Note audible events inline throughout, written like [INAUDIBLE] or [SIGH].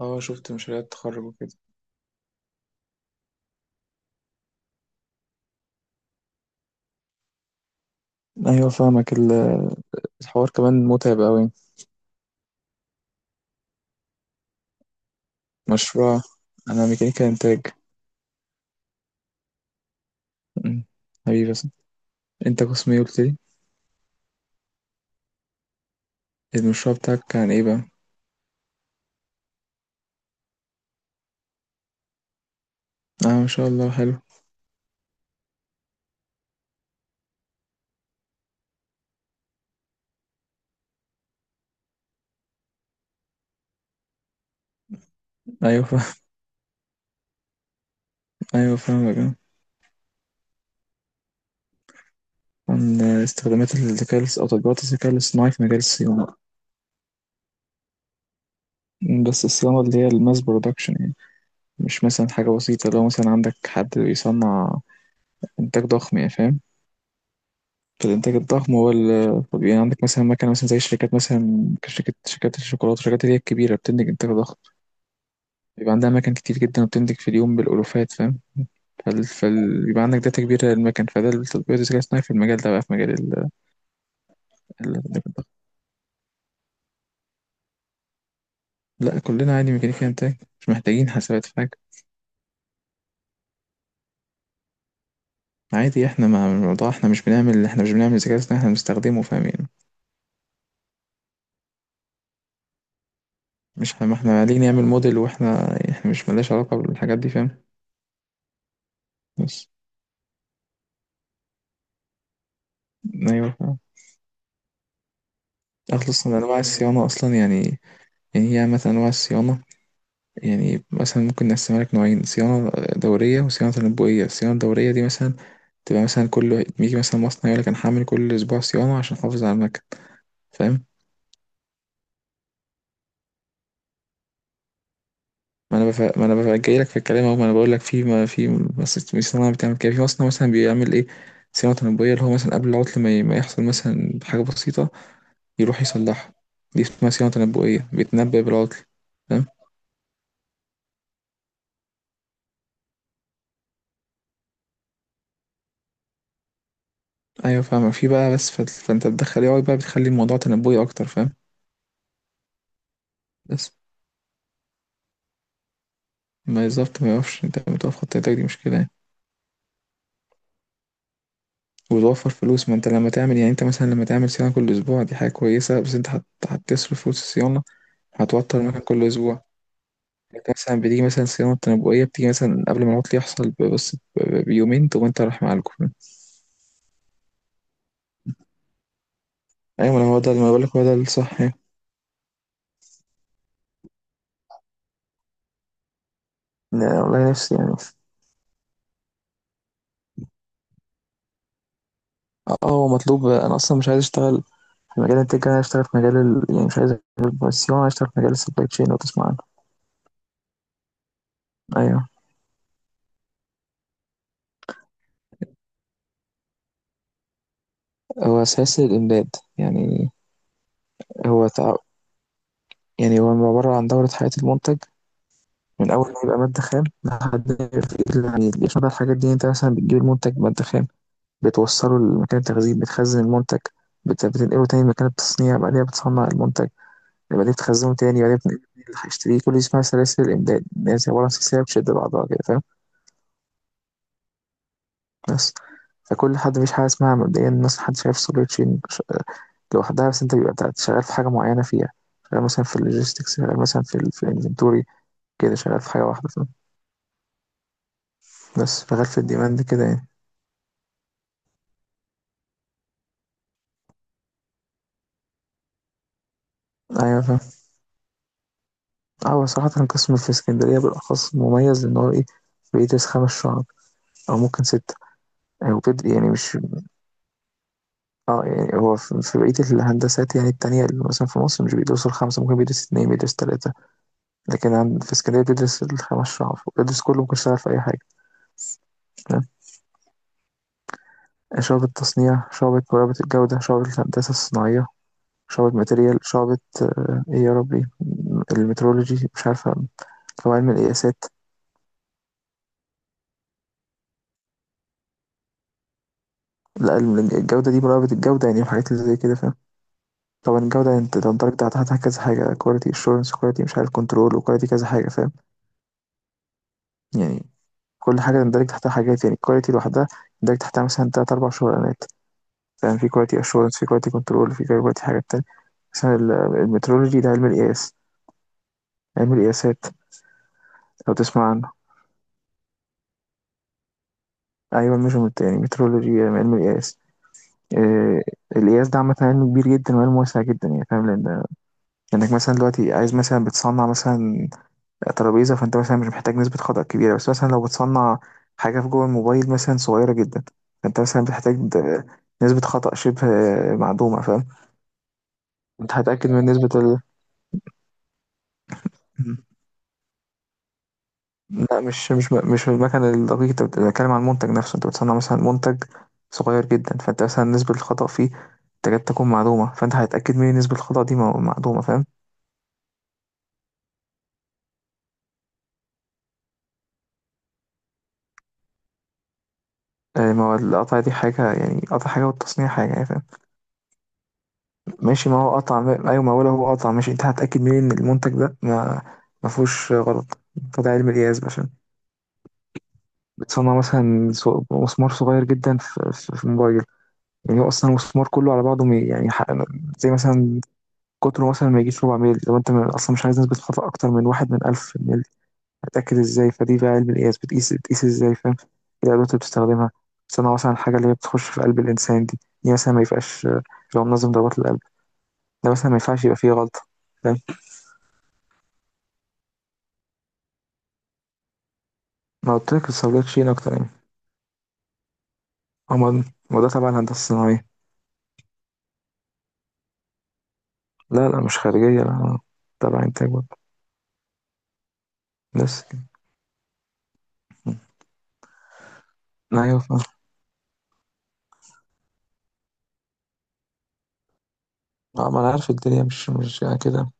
اه، شفت مشاريع التخرج وكده. ايوه فاهمك. الحوار كمان متعب قوي. مشروع. انا ميكانيكا انتاج. أمم، حبيبي بس. انت قسم ايه قلت لي؟ المشروع بتاعك كان ايه بقى؟ اه، ما شاء الله حلو. ايوه فاهم. ايوه فاهمك آه. عن استخدامات الذكاء الاص- او تطبيقات الذكاء الاصطناعي في مجال الصيانه. بس الصيانه اللي هي الماس برودكشن يعني، مش مثلا حاجه بسيطه. لو مثلا عندك حد بيصنع انتاج ضخم يعني، فاهم؟ في الانتاج الضخم طب يعني عندك مثلا مكنه، مثلا زي شركات مثلا كشركه، شركات الشوكولاته، الشركات اللي هي الكبيره بتنتج انتاج ضخم. بيبقى عندها مكن كتير جدا، وبتنتج في اليوم بالالوفات، فاهم؟ بيبقى عندك داتا كبيره للمكن، فده التطبيقات الذكاء الاصطناعي في المجال ده بقى، في مجال الانتاج الضخم. لا، كلنا عادي ميكانيكا انتاج، مش محتاجين حسابات في حاجه. عادي، احنا مع الموضوع، احنا مش بنعمل ذكاء اصطناعي، احنا بنستخدمه فاهم يعني. مش احنا، ما احنا عليه نعمل موديل، واحنا مش مالناش علاقه بالحاجات دي، فاهم؟ بس ايوه فاهم. اخلص من انواع الصيانه اصلا يعني. هي مثلا أنواع الصيانة، يعني مثلا ممكن نقسمها لك نوعين صيانة، دورية وصيانة تنبؤية. الصيانة الدورية دي مثلا تبقى مثلا كل، بيجي مثلا مصنع يقول لك أنا هعمل كل أسبوع صيانة عشان أحافظ على المكن، فاهم؟ ما أنا بف... ما أنا بف... جاي لك في الكلام أهو، ما أنا بقول لك، في ما في بس في صناعة بتعمل كده، في مصنع مثلا بيعمل إيه؟ صيانة تنبؤية، اللي هو مثلا قبل العطل ما يحصل مثلا حاجة بسيطة يروح يصلحها. دي اسمها صيانة تنبؤية، بيتنبأ بالعطل، فاهم؟ أيوه فاهم، في بقى، بس فأنت بتدخل AI بقى، بتخلي الموضوع تنبؤي أكتر، فاهم؟ بس ما بالظبط، ما يقفش. انت لما تقف خط، ايدك دي مشكلة يعني، وتوفر فلوس. ما انت لما تعمل يعني، انت مثلا لما تعمل صيانة كل اسبوع دي حاجة كويسة، بس انت هتصرف فلوس الصيانة، هتوتر المكان كل اسبوع. انت مثلا بتيجي مثلا صيانة تنبؤية، بتيجي مثلا قبل ما العطل يحصل بس بيومين، تقوم انت رايح معالجه. ايوه، ما هو ده ما بقولك، هو ده الصح يعني. لا، والله نفسي يعني. اه، هو مطلوب. انا اصلا مش عايز اشتغل في مجال التك، انا عايز اشتغل في مجال ال... يعني مش عايز اشتغل في الصيانة، عايز اشتغل في مجال السبلاي تشين، لو تسمع عنه. ايوه. هو اساس الامداد يعني. هو تع- يعني هو عبارة عن دورة حياة المنتج، من أول ما يبقى مادة خام لحد ما يبقى في إيد العميل. يشمل بقى الحاجات دي، أنت مثلا بتجيب المنتج مادة خام، بتوصله لمكان التخزين، بتخزن المنتج، بتنقله تاني مكان التصنيع، بعدين بتصنع المنتج، بعدين بتخزنه تاني، بعدين بتنقله تاني اللي هيشتريه. كل دي اسمها سلاسل الإمداد، اللي هي زي عبارة عن سلسلة بتشد بعضها كده، فاهم؟ بس فكل حد، مفيش حاجة اسمها مبدئيا مثلا حد شايف سوبر تشين لوحدها، بس أنت بيبقى شغال في حاجة معينة فيها. شغال مثلا في اللوجيستكس، شغال مثلا في في الانفنتوري، كده شغال في حاجة واحدة، بس شغال في الديماند كده يعني. ايوه فاهم. اه، هو صراحة قسم في اسكندرية بالاخص مميز، لان هو ايه، بيدرس 5 شعب، او ممكن 6، او بيد يعني، مش، اه يعني هو في في بقية الهندسات يعني التانية اللي مثلا في مصر مش بيدرسوا 5، ممكن بيدرس 2، بيدرس 3، لكن عند في اسكندرية بيدرس الـ5 شعب، بيدرس كله، ممكن يشتغل في أي حاجة. تمام، شعبة تصنيع، شعبة مراقبة الجودة، شعبة الهندسة الصناعية، شعبة ماتريال، شعبة، ايه يا ربي، المترولوجي، مش عارفة، أو علم القياسات. لا، الجودة دي مراقبة الجودة، يعني الحاجات اللي زي كده فاهم. طبعا الجودة يعني، انت تندرج تحتها كذا حاجة، كواليتي اشورنس، كواليتي مش عارف كنترول، وكواليتي كذا حاجة، فاهم؟ يعني كل حاجة تندرج تحتها حاجات. يعني الكواليتي لوحدها تندرج تحتها مثلا 3 أو 4 شغلانات، فاهم؟ في كواليتي اشورنس، في كواليتي كنترول، في كواليتي حاجات تانية. مثلا المترولوجي ده علم القياس، علم القياسات، لو تسمع عنه. أيوة ميجرمنت، يعني مترولوجي، علم القياس. آه، القياس ده عامة علم كبير جدا وعلم واسع جدا يعني، فاهم؟ لأن إنك مثلا دلوقتي عايز، مثلا بتصنع مثلا ترابيزه، فانت مثلا مش محتاج نسبه خطأ كبيره، بس مثلا لو بتصنع حاجه في جوه الموبايل مثلا صغيره جدا، فانت مثلا بتحتاج نسبه خطأ شبه معدومه، فاهم؟ انت هتأكد من نسبه ال... م. لا، مش المكن الدقيق، انت بتتكلم عن المنتج نفسه. انت بتصنع مثلا منتج صغير جدا، فانت مثلا نسبه الخطأ فيه تكاد تكون معدومه، فانت هتأكد من نسبه الخطأ دي معدومه، فاهم؟ آه، ما هو القطع دي حاجه يعني، قطع حاجه، والتصنيع حاجه يعني، فاهم؟ ماشي، ما هو قطع ايوه، ما هو لو هو قطع ماشي، انت هتأكد منين ان المنتج ده ما، ما فيهوش غلط؟ ده علم القياس بقى، عشان بتصنع مثلا مسمار صغير جدا في موبايل. يعني هو اصلا المسمار كله على بعضه يعني زي مثلا قطره، مثلا ما يجيش ربع ميل، لو انت اصلا مش عايز نسبة خطأ اكتر من واحد من ألف ميل، هتأكد ازاي؟ فدي بقى علم القياس، بتقيس ازاي، فاهم؟ ايه الأدوات اللي بتستخدمها. بتصنع مثلا الحاجة اللي هي بتخش في قلب الإنسان، دي مثلا ما يبقاش، لو منظم ضربات القلب، ده مثلا ما ينفعش يبقى فيه غلطة، فاهم؟ ما قلت لك الصيدلية تشيل أكتر يعني. أما، ما ده تبع الهندسة الصناعية. لا لا، مش خارجية لا. تبع إنتاج برضه. بس كده. م. أيوة فاهم. ما أنا عارف الدنيا مش يعني كده.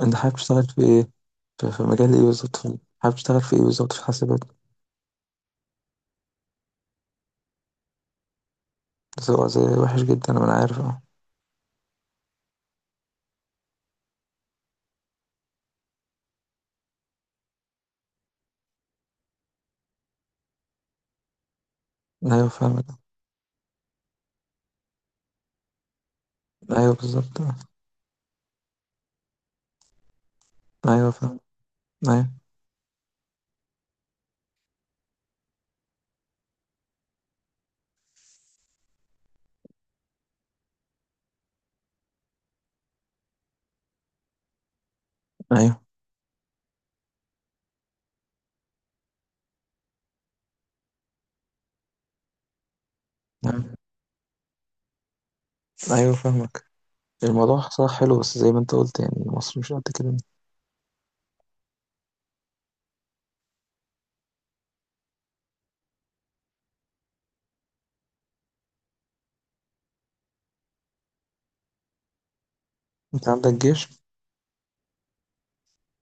أنت حابب تشتغل في إيه؟ في مجال إيه بالظبط؟ حابب تشتغل في إيه بالظبط، في حاسبات؟ بس هو زي وحش جدا، ما أنا عارف أه. أيوة فاهمك. أيوة بالظبط. أيوة فاهم. أيوة. أيوة. أيوة. أيوة فاهمك. الموضوع صح حلو، بس زي ما أنت قلت يعني مصر مش قد كده. أنت عندك جيش.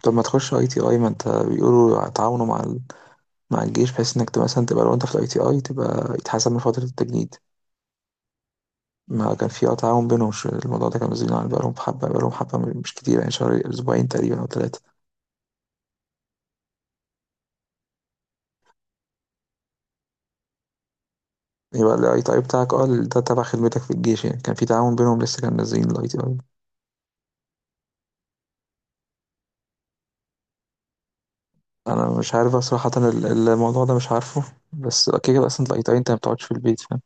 طب ما تخش أي تي أي، ما أنت بيقولوا تعاونوا مع، مع الجيش، بحيث انك تبقى مثلا، تبقى لو انت في الاي تي اي تبقى يتحسب من فترة التجنيد. ما كان في تعاون بينهم. مش الموضوع ده كان مسجون على، بقالهم حبة، بقالهم حبة مش كتير يعني، شهر، اسبوعين تقريبا، او 3. يبقى الاي تي اي بتاعك ده تبع خدمتك في الجيش يعني، كان في تعاون بينهم، لسه كان نازلين الاي تي اي. انا مش عارف صراحة الموضوع ده مش عارفه، بس كده كده اصلا الاي تي اي انت ما بتقعدش في البيت، فاهم؟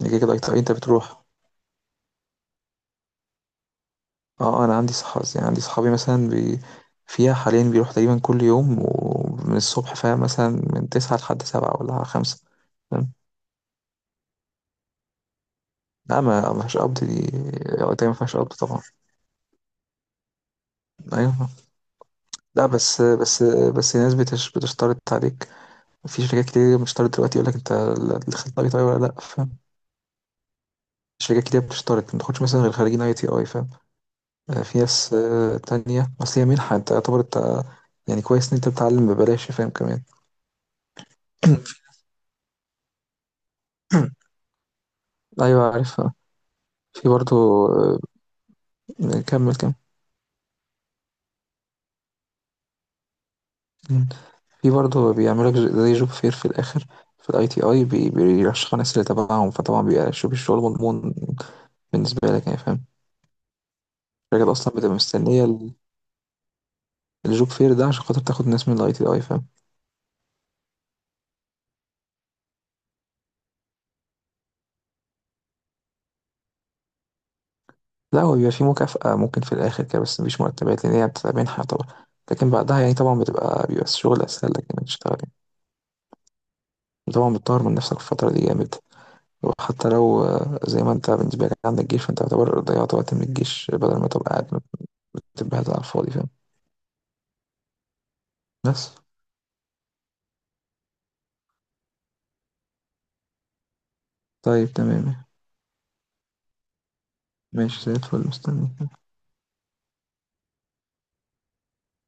يعني كده كده الاي تي اي انت بتروح. اه انا عندي صح يعني، عندي صحابي مثلا، فيها حاليا بيروح تقريبا كل يوم، ومن الصبح، فاهم؟ مثلا من 9 لحد 7 ولا 5، فاهم؟ لا، ما ما فيهاش قبض دي، وقتها ما فيهاش قبض طبعا. ايوه. لا بس، بس الناس بتشترط عليك. في شركات كتير بتشترط دلوقتي، يقول لك انت الخريج اي تي اي ولا لا، فاهم؟ شركات كتير بتشترط ما تاخدش مثلا غير خريجين اي تي اي، فاهم؟ في ناس تانية، اصل هي منحة، انت يعتبر انت، يعني كويس ان انت بتتعلم ببلاش، فاهم كمان؟ [CLEARS THROAT] ايوه عارف. في برضه. آه، كمّل، كمّل. إمم. في برضه بيعملوا لك ج زي job fair في الآخر، في الITI، بيرشّحوا الناس اللي تبعهم، فطبعًا بيبقى الشغل مضمون بالنسبة لك يعني، فاهم؟ الشركات أصلًا بتبقى مستنية الjob fair ده عشان خاطر تاخُد ناس من الITI، فاهم؟ لأ، هو بيبقى في مكافأة ممكن في الآخر كده، بس ما فيش مرتبات، لإن هي بتبقى منحة طبعًا. لكن بعدها يعني طبعًا، بيبقى الشغل أسهل لك إنّك تشتغل يعني. وطبعًا بتطوّر من نَفْسك في الفترة دي جامد، وحتى لو زي ما أنت، بالنسبة لك عندك جيش، فأنت يعتبر ضيّعت وقت من الجيش بدل ما تبقى قاعد، تبقى على الفاضي، فاهم؟ بس. طيب تمام. ماشي زي الفل، مستني.